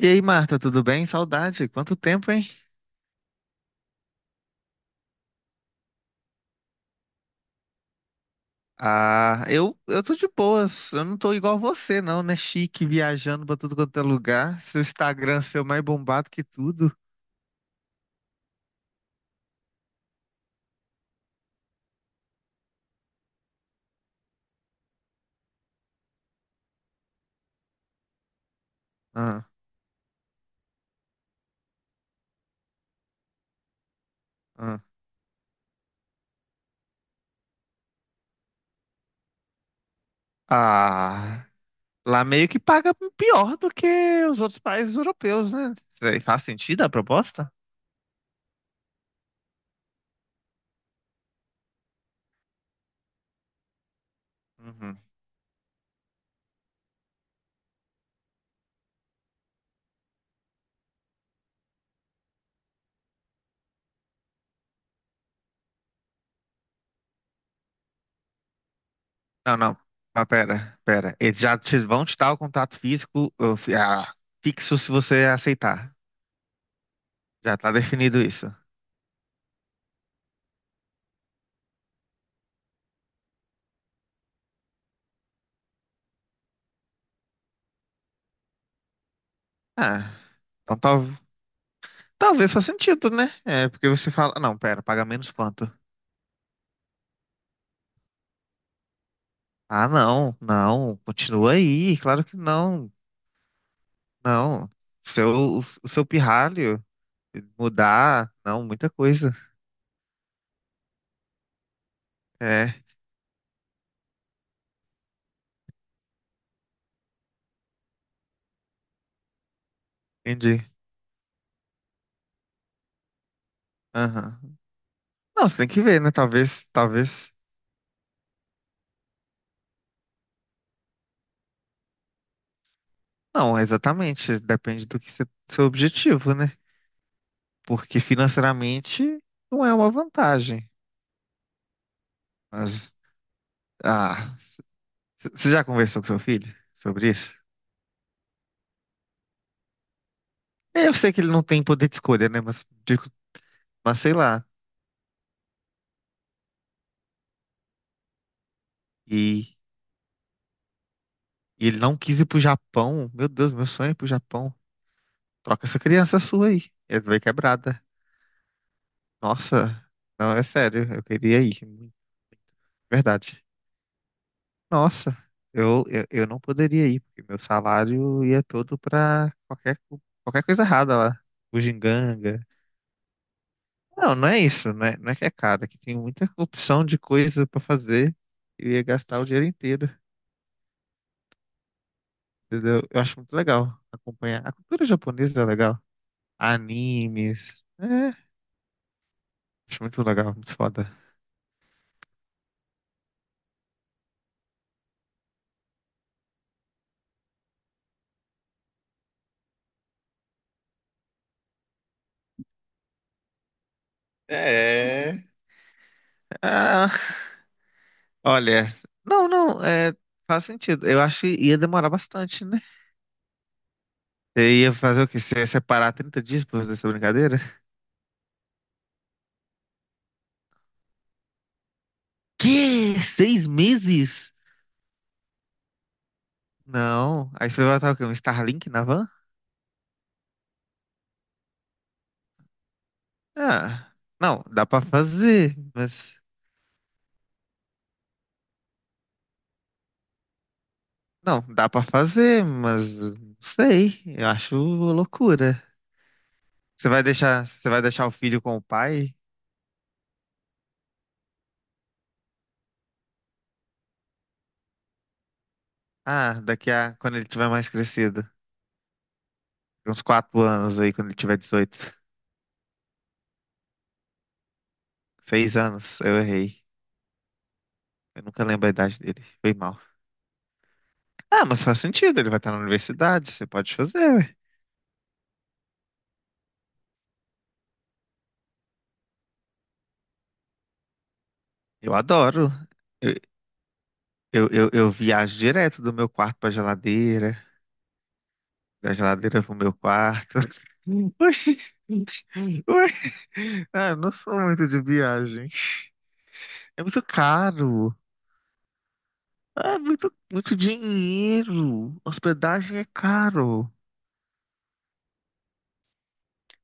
E aí, Marta, tudo bem? Saudade. Quanto tempo, hein? Eu tô de boas. Eu não tô igual você, não, né? Chique, viajando pra tudo quanto é lugar. Seu Instagram seu mais bombado que tudo. Ah, ah. Ah, Lá meio que paga pior do que os outros países europeus, né? Faz sentido a proposta? Uhum. Não, não. Pera, pera. Vão te dar o contato físico, fixo se você aceitar. Já tá definido isso. Ah, então tá. Talvez faça sentido, né? É, porque você fala, não, pera, paga menos quanto? Ah, não, não, continua aí, claro que não, não. Seu, o seu pirralho mudar, não, muita coisa. É, entendi. Aham. Não, você tem que ver, né? Talvez, talvez. Não, exatamente. Depende do que você, Seu objetivo, né? Porque financeiramente não é uma vantagem. Mas, ah, Você já conversou com seu filho sobre isso? Eu sei que ele não tem poder de escolha, né? Mas sei lá. E, e ele não quis ir pro Japão. Meu Deus, meu sonho é ir pro Japão. Troca essa criança sua aí. Ele veio quebrada. Nossa, não, é sério. Eu queria ir muito. Verdade. Nossa, eu não poderia ir, porque meu salário ia todo pra qualquer coisa errada lá. Bugiganga. Não, não é isso. Não é, não é que é caro. É que tem muita opção de coisa pra fazer. Eu ia gastar o dinheiro inteiro. Entendeu? Eu acho muito legal acompanhar. A cultura japonesa é legal. Animes. É, acho muito legal, muito foda. É. Ah, olha, não, não, é, Faz sentido. Eu acho que ia demorar bastante, né? Você ia fazer o quê? Você ia separar 30 dias pra fazer essa brincadeira? Que? Seis meses? Não. Aí você vai botar o quê? Um Starlink na van? Ah, não, dá pra fazer, mas. Não, dá pra fazer, mas não sei. Eu acho loucura. Você vai deixar o filho com o pai? Ah, daqui a quando ele tiver mais crescido. Uns quatro anos aí, quando ele tiver 18, seis anos, eu errei. Eu nunca lembro a idade dele. Foi mal. Ah, mas faz sentido, ele vai estar na universidade, você pode fazer, ué. Eu adoro. Eu, eu viajo direto do meu quarto pra geladeira, da geladeira pro meu quarto. Oxi! Ué, eu não sou muito de viagem. É muito caro. Ah, muito, muito dinheiro. Hospedagem é caro.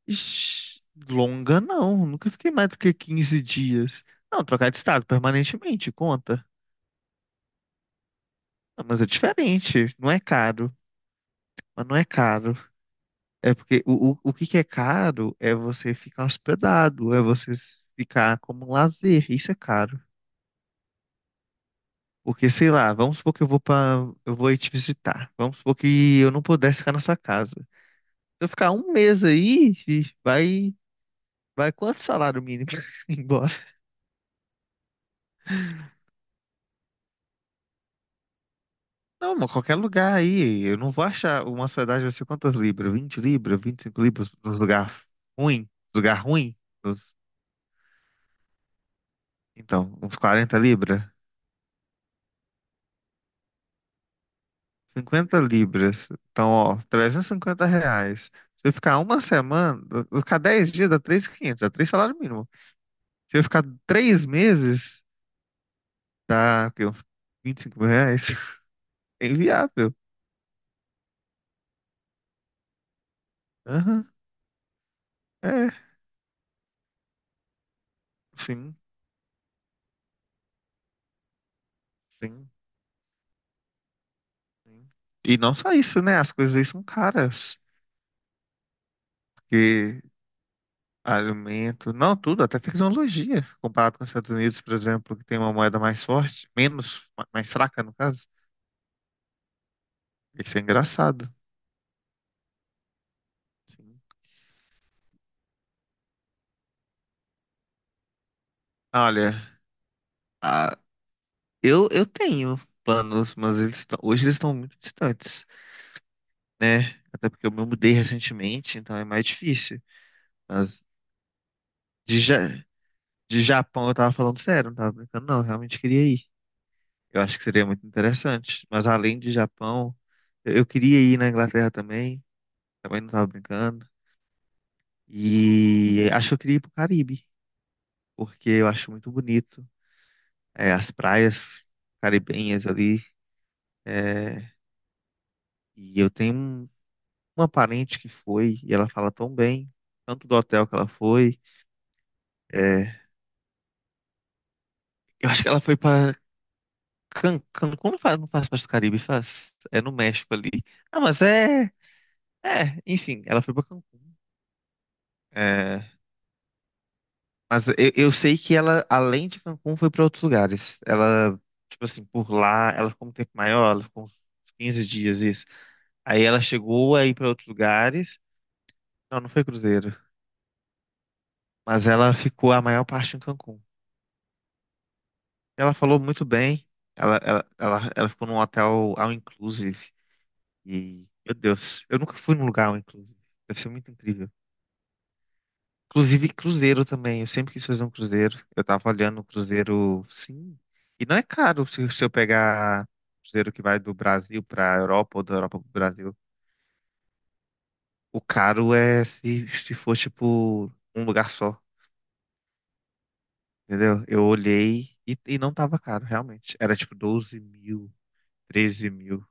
Ixi, longa não, nunca fiquei mais do que 15 dias. Não, trocar de estado permanentemente, conta. Não, mas é diferente, não é caro, mas não é caro. É porque o que que é caro é você ficar hospedado, é ficar como um lazer, isso é caro. Porque, sei lá, vamos supor que eu vou ir te visitar, vamos supor que eu não pudesse ficar na sua casa. Se eu ficar um mês aí, ixi, vai, vai quanto salário mínimo embora? Não, mano, qualquer lugar aí. Eu não vou achar uma hospedagem, vai ser quantas libras? 20 libras, 25 libras nos lugar ruim, lugar ruim. nos- Então, uns 40 libras, 50 libras. Então, ó, 350 reais. Se eu ficar uma semana, eu ficar 10 dias dá 3.500, dá 3 salário mínimo. Se eu ficar 3 meses, dá o quê? Uns 25 mil reais. É inviável. Aham. É, sim, sim, sim. E não só isso, né? As coisas aí são caras. Porque alimento, não tudo, até tecnologia, comparado com os Estados Unidos, por exemplo, que tem uma moeda mais forte, menos, mais fraca, no caso. Isso é engraçado. Sim. Olha, ah, eu, eu tenho planos, mas eles estão, hoje eles estão muito distantes, né? Até porque eu me mudei recentemente, então é mais difícil. Mas de, Ja- de Japão eu tava falando sério, não tava brincando, não, eu realmente queria ir. Eu acho que seria muito interessante. Mas além de Japão, eu queria ir na Inglaterra também, também não tava brincando. E acho que eu queria ir pro Caribe, porque eu acho muito bonito, é, as praias caribenhas ali. É, e uma parente que foi e ela fala tão bem, tanto do hotel que ela foi. É, eu acho que ela foi para Cancún, não faz, não faz parte do Caribe, faz. É no México ali. Ah, mas é, Enfim, ela foi para Cancún. É, mas eu sei que ela, além de Cancún, foi para outros lugares. Ela, tipo assim, por lá, ela ficou um tempo maior, ela ficou uns 15 dias, isso. Aí ela chegou a ir para outros lugares. Não, não foi cruzeiro. Mas ela ficou a maior parte em Cancún. Ela falou muito bem. Ela ficou num hotel all inclusive. E, meu Deus, eu nunca fui num lugar all inclusive. Deve ser muito incrível. Inclusive cruzeiro também. Eu sempre quis fazer um cruzeiro. Eu tava olhando um cruzeiro, sim. E não é caro se, se eu pegar cruzeiro que vai do Brasil pra Europa ou da Europa pro Brasil. O caro é se, se for tipo um lugar só, entendeu? Eu olhei e não tava caro, realmente. Era tipo 12 mil, 13 mil.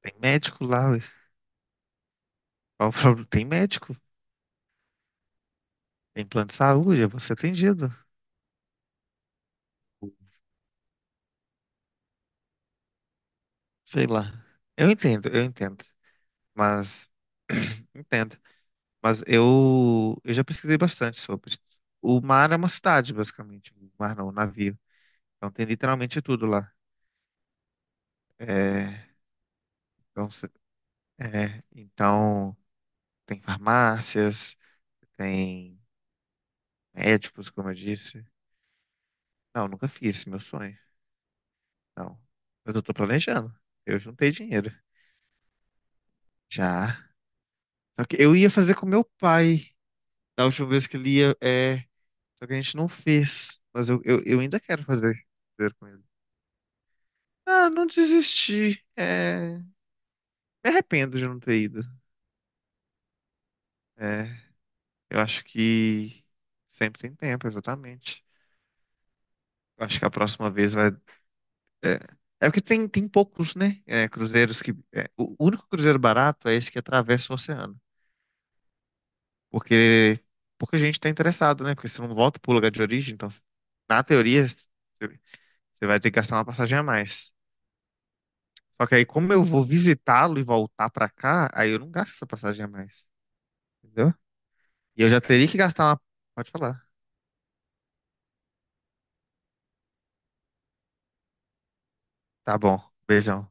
Tem médico lá, ué. Qual o problema? Tem médico, tem plano de saúde, você atendido. Sei lá. Eu entendo, eu entendo. Mas entendo. Mas eu já pesquisei bastante sobre. O mar é uma cidade, basicamente. O mar não, o navio. Então tem literalmente tudo lá. É, então, se- então, tem farmácias, tem médicos, como eu disse. Não, nunca fiz, esse é meu sonho. Não. Mas eu tô planejando. Eu juntei dinheiro. Já. Só que eu ia fazer com meu pai da última vez que ele ia. É, só que a gente não fez. Mas eu ainda quero fazer, fazer com ele. Ah, não desisti. É, me arrependo de não ter ido. É, eu acho que sempre tem tempo, exatamente. Eu acho que a próxima vez vai. É, é porque tem, tem poucos, né? É, cruzeiros que. É, o único cruzeiro barato é esse que atravessa o oceano. Porque pouca gente tá interessado, né? Porque você não volta pro lugar de origem, então, na teoria, você vai ter que gastar uma passagem a mais. Só que aí, como eu vou visitá-lo e voltar pra cá, aí eu não gasto essa passagem a mais. Entendeu? E eu já teria que gastar uma. Pode falar. Tá bom. Beijão.